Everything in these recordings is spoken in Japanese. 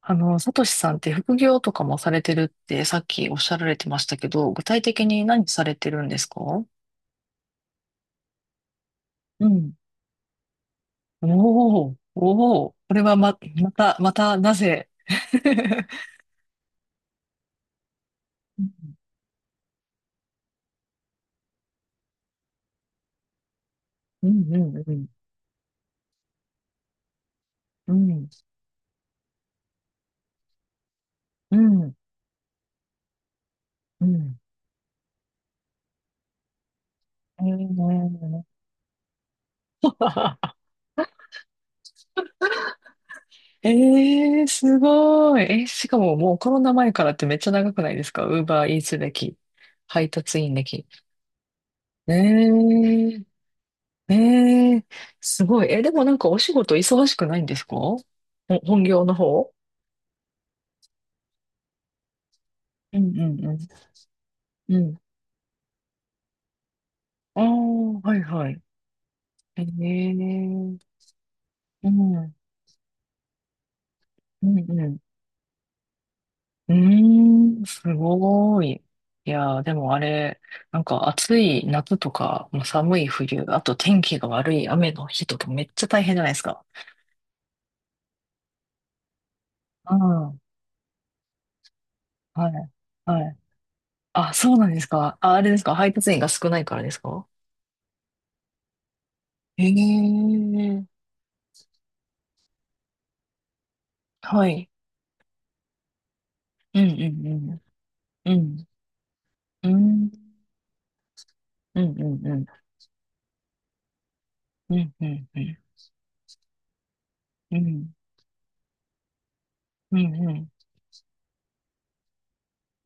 サトシさんって副業とかもされてるってさっきおっしゃられてましたけど、具体的に何されてるんですか？うん。おー、おー、これはま、また、また、なぜ？ うん、うん、うん、うん、うん、うん。うん。えー、えー、すごい。え、しかももうコロナ前からってめっちゃ長くないですか？ウーバーイーツ歴、配達員歴。えー。ええ、すごい。え、でもなんかお仕事忙しくないんですか、ほ本業の方？うんうんうん。うん。ああー、はいはい。ええ。うん。うんうん。うーん、すごい。いやー、でもあれ、なんか暑い夏とか、もう寒い冬、あと天気が悪い雨の日とかめっちゃ大変じゃないですか。うん。はい。はい。あ、そうなんですか。あ、あれですか、配達員が少ないからですか？ええ。はい。うんうんうん。うん。うんうんうん。うんうんうん。うん。うんうん。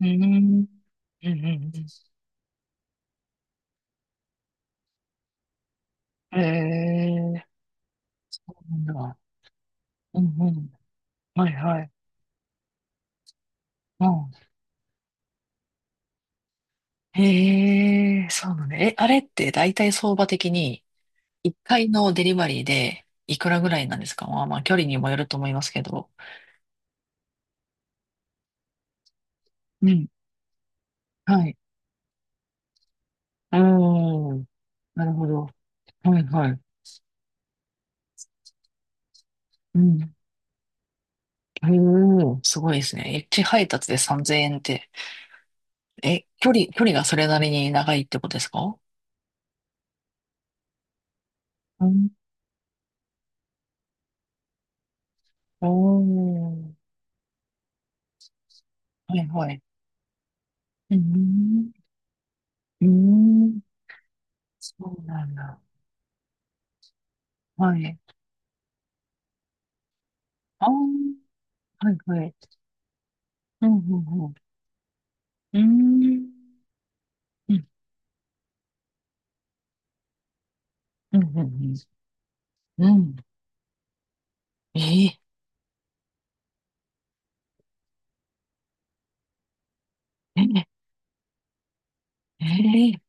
うん。うんうんうん。へえ。なんだ。うんうん。はいはい。うん。へえ、そうなんだ。え、あれって大体相場的に1回のデリバリーでいくらぐらいなんですか？まあまあ距離にもよると思いますけど。うん。はい。おー、なるほど。はいはい。うん。へえ、すごいですね。一配達で3000円って。え、距離がそれなりに長いってことですか？うん、おー。はいはい。うん、うん、そうなんだ。はい。ああ、はいはい。うん、うん、うん。うん、うん、うん、うん。うん。ええ、ええ、ええ、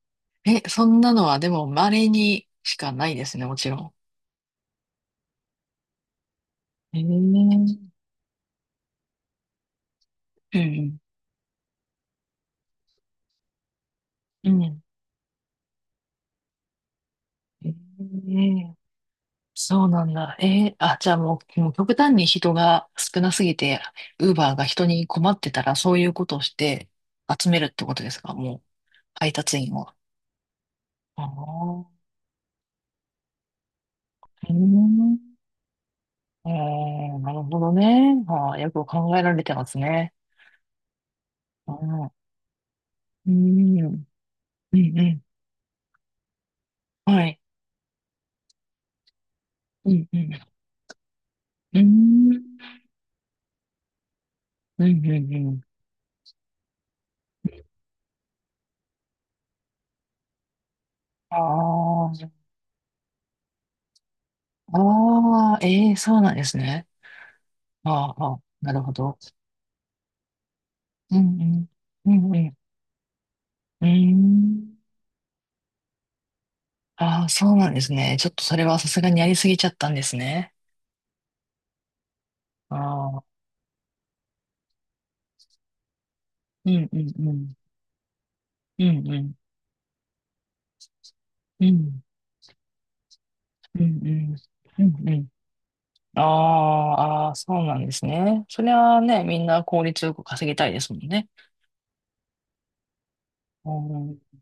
えそんなのはでも稀にしかないですね、もちろん。うん、え、うん、うん、ええ、そうなんだ。えー、あ、じゃあもう極端に人が少なすぎて、ウーバーが人に困ってたら、そういうことをして集めるってことですか、もう、配達員を？ああ、うん。えー、なるほどね。ああ、よく考えられてますね。うん、うん、うん、うん。はい。うん、うん、うん、うん、うん。うん。ああ、ああ、ええ、そうなんですね。ああ、ああ、なるほど。うん、うん。うんうん。うーん。ああ、そうなんですね。ちょっとそれはさすがにやりすぎちゃったんですね。ああ。うんうんうん。うんうん。うんうんうん。うんうん。ああ、ああ、そうなんですね。そりゃあね、みんな効率よく稼ぎたいですもんね。うん。うん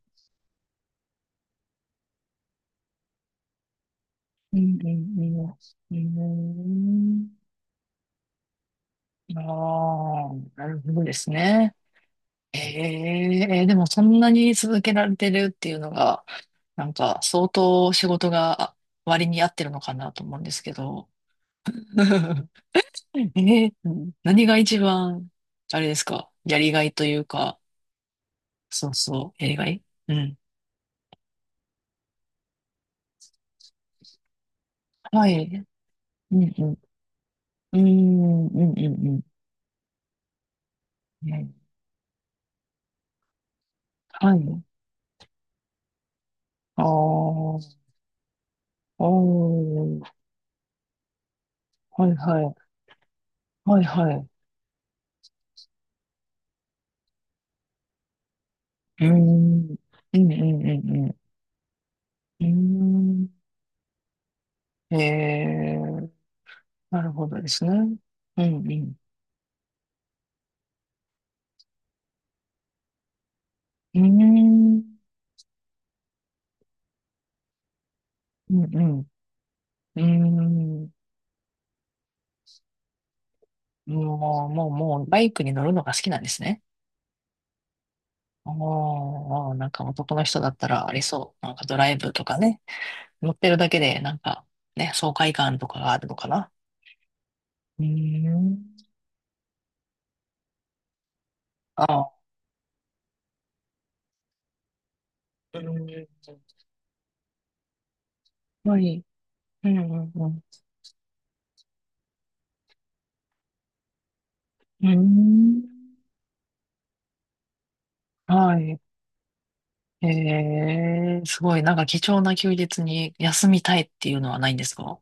うんうん。うーん。ああ、なるほどですね。ええ、でもそんなに続けられてるっていうのが、なんか相当仕事が割に合ってるのかなと思うんですけど。ええ、何が一番、あれですか、やりがいというか、そうそう、やりがい、うん。はい。うんうん。うん、うん、うん、うん。ね、はい。ああ、おー、はいはい。はいはい。うーん、うん、うん、うん、うん。うーん。へえ、なるほどですね。うん、うん。うーん、うん、うん。うーん。もう、もう、もう、バイクに乗るのが好きなんですね。おー、なんか男の人だったらありそう。なんかドライブとかね。乗ってるだけで、なんか、ね、爽快感とかがあるのかな。うーん。ああ、うーん。はい。うん、うん、うん。うーん。はい。ええ、すごい。なんか貴重な休日に休みたいっていうのはないんですか？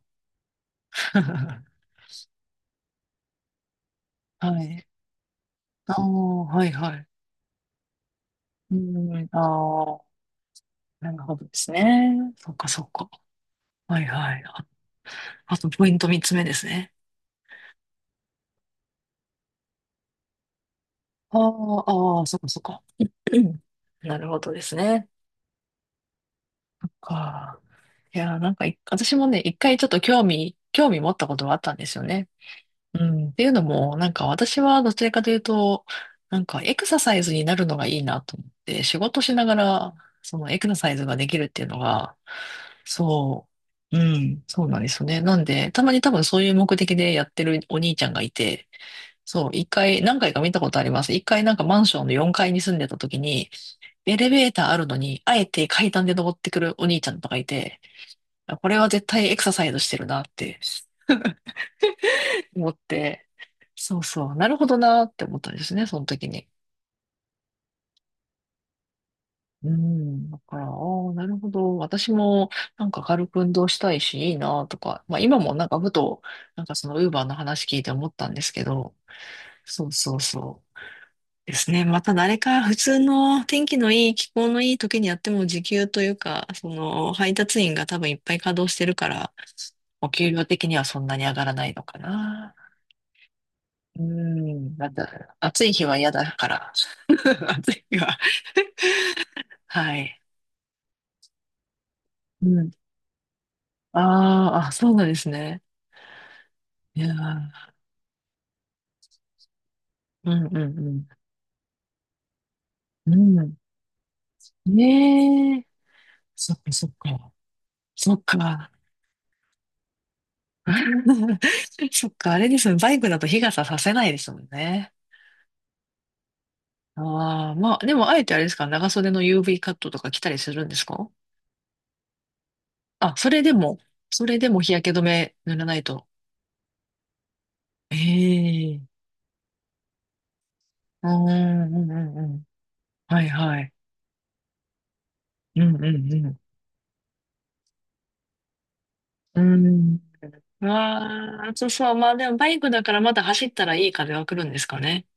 はい。ああ、はいはい。うん、ああ、なるほどですね。そっかそっか。はいはい。あ、あとポイント三つ目ですね。ああ、ああ、そっかそっか。うん、なるほどですね、か。いやー、なんかい、私もね、一回ちょっと興味持ったことがあったんですよね。うん。っていうのも、なんか私はどちらかというと、なんかエクササイズになるのがいいなと思って、仕事しながらそのエクササイズができるっていうのが、そう、うん、そうなんですよね。なんで、たまに多分そういう目的でやってるお兄ちゃんがいて、そう、一回、何回か見たことあります。一回なんかマンションの4階に住んでた時に、エレベーターあるのに、あえて階段で登ってくるお兄ちゃんとかいて、これは絶対エクササイズしてるなって思って、そうそう、なるほどなって思ったんですね、その時に。うん、だから、ああ、なるほど。私も、なんか軽く運動したいし、いいなとか。まあ今もなんかふと、なんかそのウーバーの話聞いて思ったんですけど、そうそうそう、ですね。また誰か普通の天気のいい、気候のいい時にやっても時給というか、その配達員が多分いっぱい稼働してるから、お給料的にはそんなに上がらないのかな。うん、なんだ、暑い日は嫌だから。暑い日は。はい。うん。あー、あ、そうなんですね。いやー、うんうんうん。うん。ねえ。そっかそっか。そっか。そっか、あれですね。バイクだと日傘させないですもんね。ああ、まあ、でもあえてあれですか、長袖の UV カットとか着たりするんですか？あ、それでも、それでも日焼け止め塗らないと。ええ。うんうんうんうん。はいはい。うんうんうん。うん。わあ、そうそう。まあでもバイクだからまだ走ったらいい風は来るんですかね。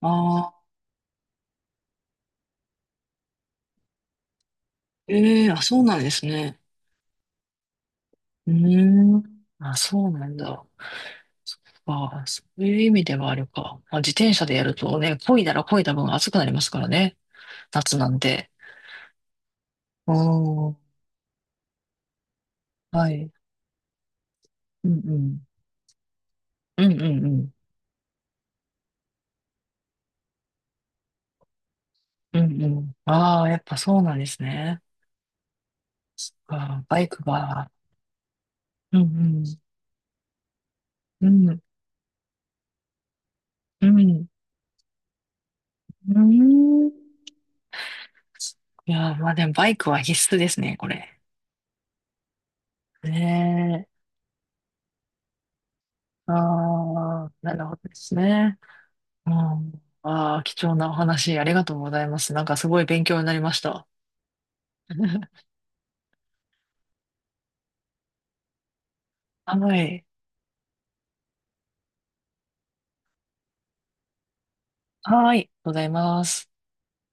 ああ、ええ、あ、そうなんですね。うーん。あ、そうなんだ。そっか、そういう意味ではあるか。まあ、自転車でやるとね、漕いだら漕いだ分暑くなりますからね、夏なんで。おー、はい。うんうん。うんうんうん。うんうん。ああ、やっぱそうなんですね。あー、バイクが。うんうん。うん。うん。うん。いやー、まあでもバイクは必須ですね、これ。ねえ。ああ、なるほどですね。うん。ああ、貴重なお話ありがとうございます。なんかすごい勉強になりました。はい。はい。ありがとうございます。